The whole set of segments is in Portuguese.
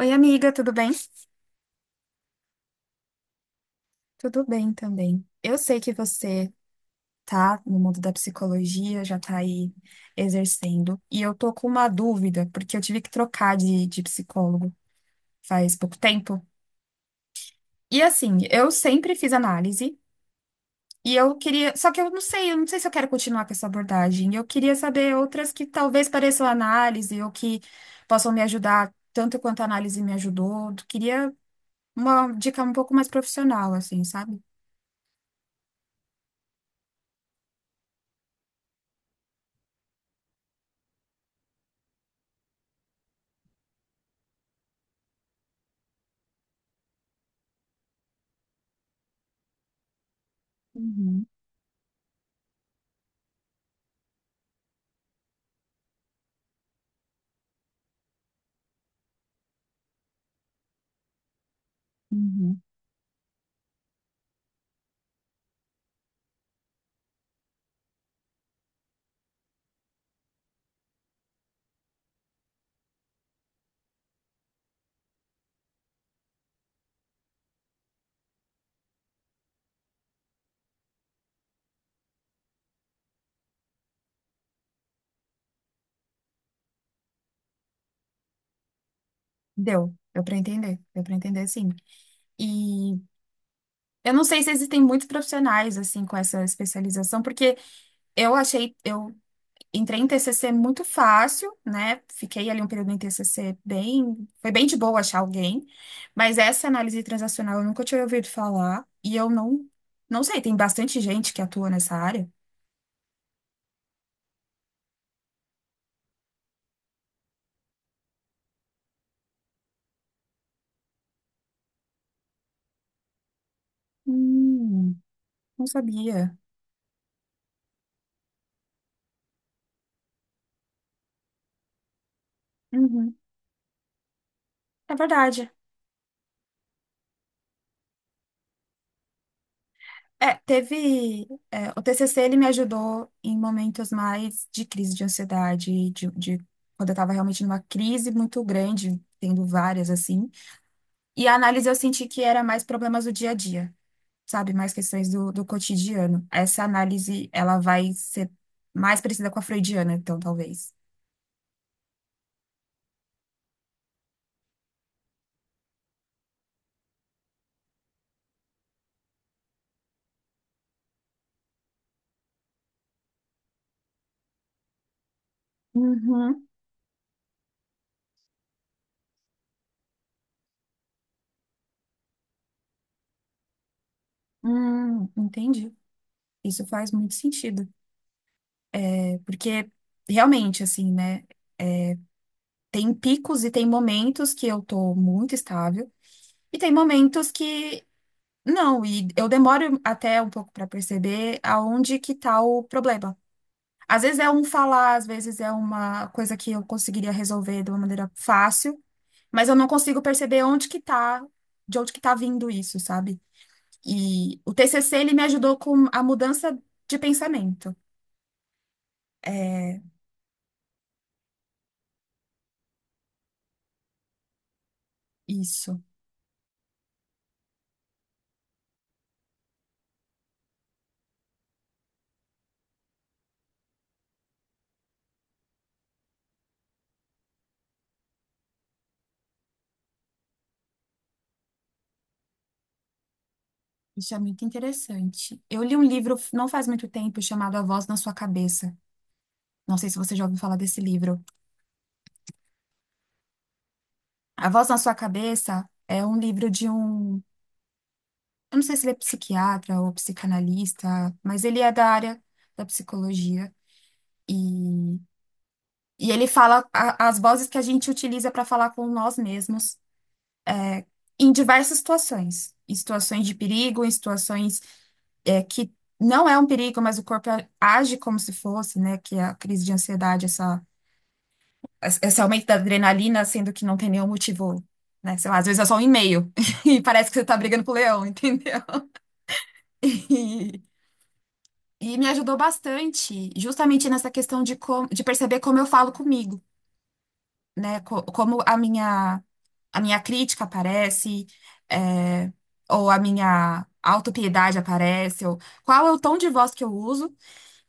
Oi, amiga, tudo bem? Tudo bem também. Eu sei que você tá no mundo da psicologia, já tá aí exercendo, e eu tô com uma dúvida, porque eu tive que trocar de psicólogo faz pouco tempo. E assim, eu sempre fiz análise, e eu queria. Só que eu não sei se eu quero continuar com essa abordagem. Eu queria saber outras que talvez pareçam análise, ou que possam me ajudar tanto quanto a análise me ajudou. Queria uma dica um pouco mais profissional, assim, sabe? Uhum, uhum. Deu, deu para entender sim. E eu não sei se existem muitos profissionais assim com essa especialização, porque eu achei, eu entrei em TCC muito fácil, né? Fiquei ali um período em TCC bem, foi bem de boa achar alguém, mas essa análise transacional eu nunca tinha ouvido falar e eu não, não sei, tem bastante gente que atua nessa área. Hum, não sabia. Uhum. É verdade. É, teve. É, o TCC ele me ajudou em momentos mais de crise de ansiedade, quando eu estava realmente numa crise muito grande, tendo várias assim. E a análise eu senti que era mais problemas do dia a dia, sabe? Mais questões do cotidiano. Essa análise ela vai ser mais parecida com a freudiana, então, talvez. Uhum. Entendi. Isso faz muito sentido. É, porque realmente, assim, né? Tem picos e tem momentos que eu tô muito estável e tem momentos que não, e eu demoro até um pouco para perceber aonde que tá o problema. Às vezes é um falar, às vezes é uma coisa que eu conseguiria resolver de uma maneira fácil, mas eu não consigo perceber onde que tá, de onde que tá vindo isso, sabe? E o TCC ele me ajudou com a mudança de pensamento. É isso. Isso é muito interessante. Eu li um livro não faz muito tempo chamado A Voz na Sua Cabeça. Não sei se você já ouviu falar desse livro. A Voz na Sua Cabeça é um livro de um. Eu não sei se ele é psiquiatra ou psicanalista, mas ele é da área da psicologia. E, e ele fala as vozes que a gente utiliza para falar com nós mesmos em diversas situações. Em situações de perigo, em situações que não é um perigo, mas o corpo age como se fosse, né? Que é a crise de ansiedade, esse aumento da adrenalina, sendo que não tem nenhum motivo, né? Sei lá, às vezes é só um e-mail e parece que você tá brigando com o leão, entendeu? E, e me ajudou bastante, justamente nessa questão de, como, de perceber como eu falo comigo, né? Como a minha crítica aparece, é, ou a minha autopiedade aparece, ou qual é o tom de voz que eu uso.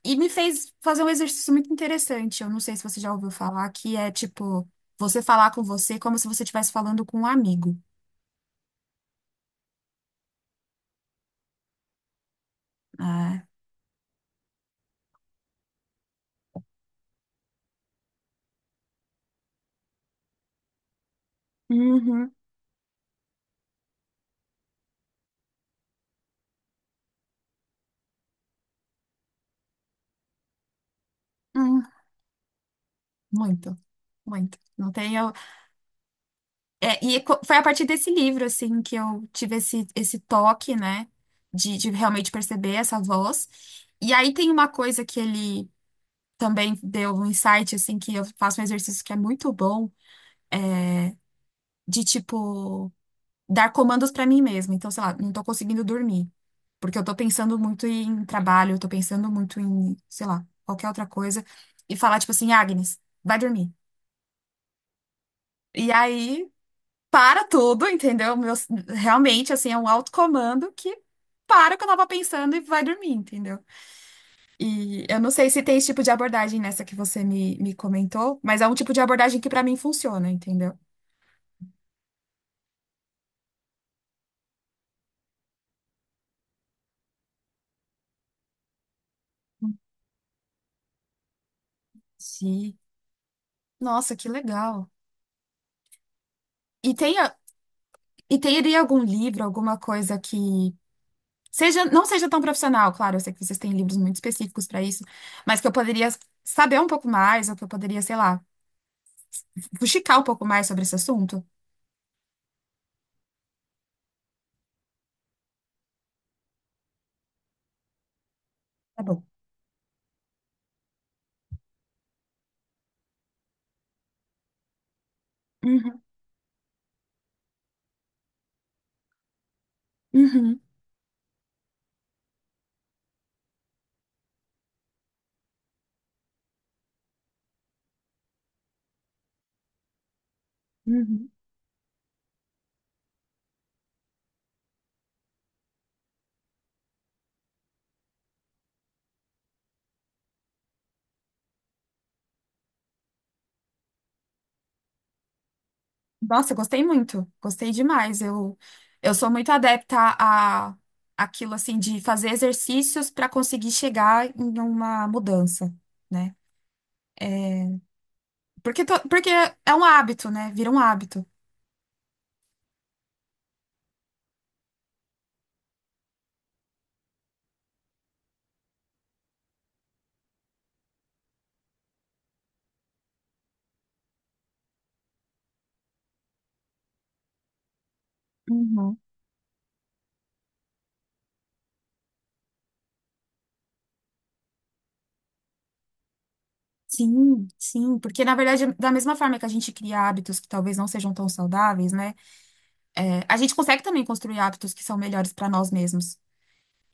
E me fez fazer um exercício muito interessante. Eu não sei se você já ouviu falar, que é tipo, você falar com você como se você estivesse falando com um amigo. É. Uhum. Hum, muito, muito. Não tem eu... É, e foi a partir desse livro, assim, que eu tive esse, esse toque, né? De realmente perceber essa voz. E aí tem uma coisa que ele também deu um insight, assim, que eu faço um exercício que é muito bom, de tipo, dar comandos pra mim mesma. Então, sei lá, não tô conseguindo dormir. Porque eu tô pensando muito em trabalho, eu tô pensando muito em, sei lá, qualquer outra coisa. E falar, tipo assim, Agnes, vai dormir. E aí, para tudo, entendeu? Meu, realmente, assim, é um autocomando que para o que eu tava pensando e vai dormir, entendeu? E eu não sei se tem esse tipo de abordagem nessa que você me comentou, mas é um tipo de abordagem que pra mim funciona, entendeu? Sim. Nossa, que legal. E tem, e teria algum livro, alguma coisa que seja, não seja tão profissional, claro, eu sei que vocês têm livros muito específicos para isso, mas que eu poderia saber um pouco mais, ou que eu poderia, sei lá, fuxicar um pouco mais sobre esse assunto. Tá bom. Uhum, uhum, uhum. Nossa, eu gostei muito, gostei demais. Eu sou muito adepta a aquilo assim de fazer exercícios para conseguir chegar em uma mudança, né? Porque, porque é um hábito, né? Vira um hábito. Uhum. Sim, sim, porque na verdade, da mesma forma que a gente cria hábitos que talvez não sejam tão saudáveis, né? É, a gente consegue também construir hábitos que são melhores para nós mesmos.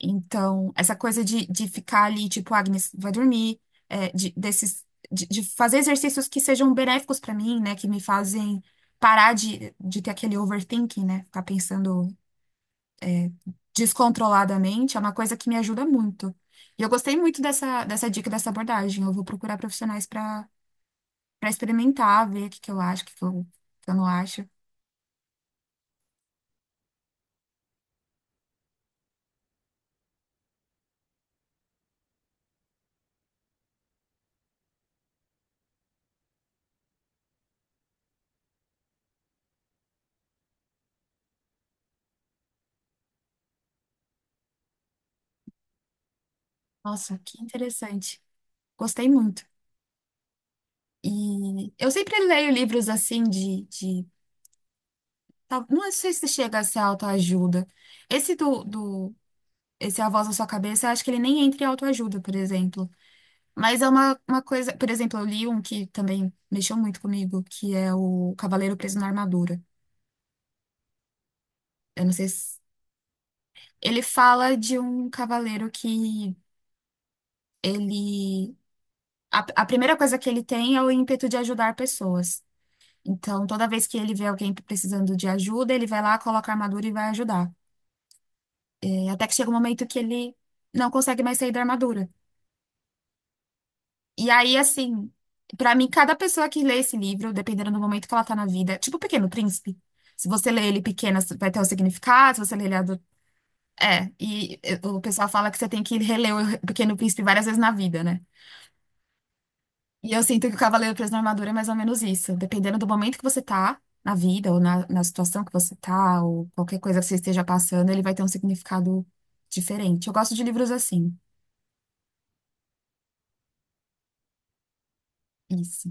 Então, essa coisa de ficar ali, tipo, "Ah, Agnes, vai dormir, é, de, desses, de fazer exercícios que sejam benéficos para mim, né? Que me fazem parar de ter aquele overthinking, né? Ficar pensando descontroladamente, é uma coisa que me ajuda muito. E eu gostei muito dessa, dessa dica, dessa abordagem. Eu vou procurar profissionais para experimentar, ver o que que eu acho, o que que eu, o que eu não acho. Nossa, que interessante. Gostei muito. E eu sempre leio livros assim de... Não sei se chega a ser autoajuda. Esse do, do... Esse A Voz na Sua Cabeça, eu acho que ele nem entra em autoajuda, por exemplo. Mas é uma coisa... Por exemplo, eu li um que também mexeu muito comigo, que é o Cavaleiro Preso na Armadura. Eu não sei se... Ele fala de um cavaleiro que ele a primeira coisa que ele tem é o ímpeto de ajudar pessoas. Então, toda vez que ele vê alguém precisando de ajuda, ele vai lá, coloca a armadura e vai ajudar. É, até que chega um momento que ele não consegue mais sair da armadura. E aí, assim, pra mim, cada pessoa que lê esse livro, dependendo do momento que ela tá na vida, tipo o Pequeno Príncipe. Se você lê ele pequena, vai ter um significado, se você lê ele adulto. É, e eh, o pessoal fala que você tem que reler o Pequeno Príncipe várias vezes na vida, né? E eu sinto que o Cavaleiro Preso na Armadura é mais ou menos isso. Dependendo do momento que você tá na vida, ou na, na situação que você tá, ou qualquer coisa que você esteja passando, ele vai ter um significado diferente. Eu gosto de livros assim. Isso.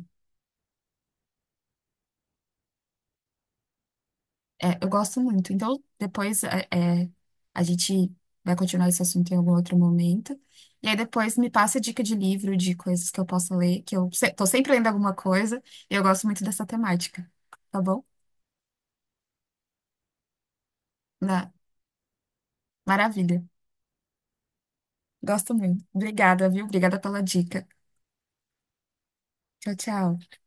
É, eu gosto muito. Então, depois é, é, a gente vai continuar esse assunto em algum outro momento. E aí depois me passa dica de livro, de coisas que eu possa ler, que eu tô sempre lendo alguma coisa, e eu gosto muito dessa temática. Tá bom? Na- Maravilha. Gosto muito. Obrigada, viu? Obrigada pela dica. Tchau, tchau.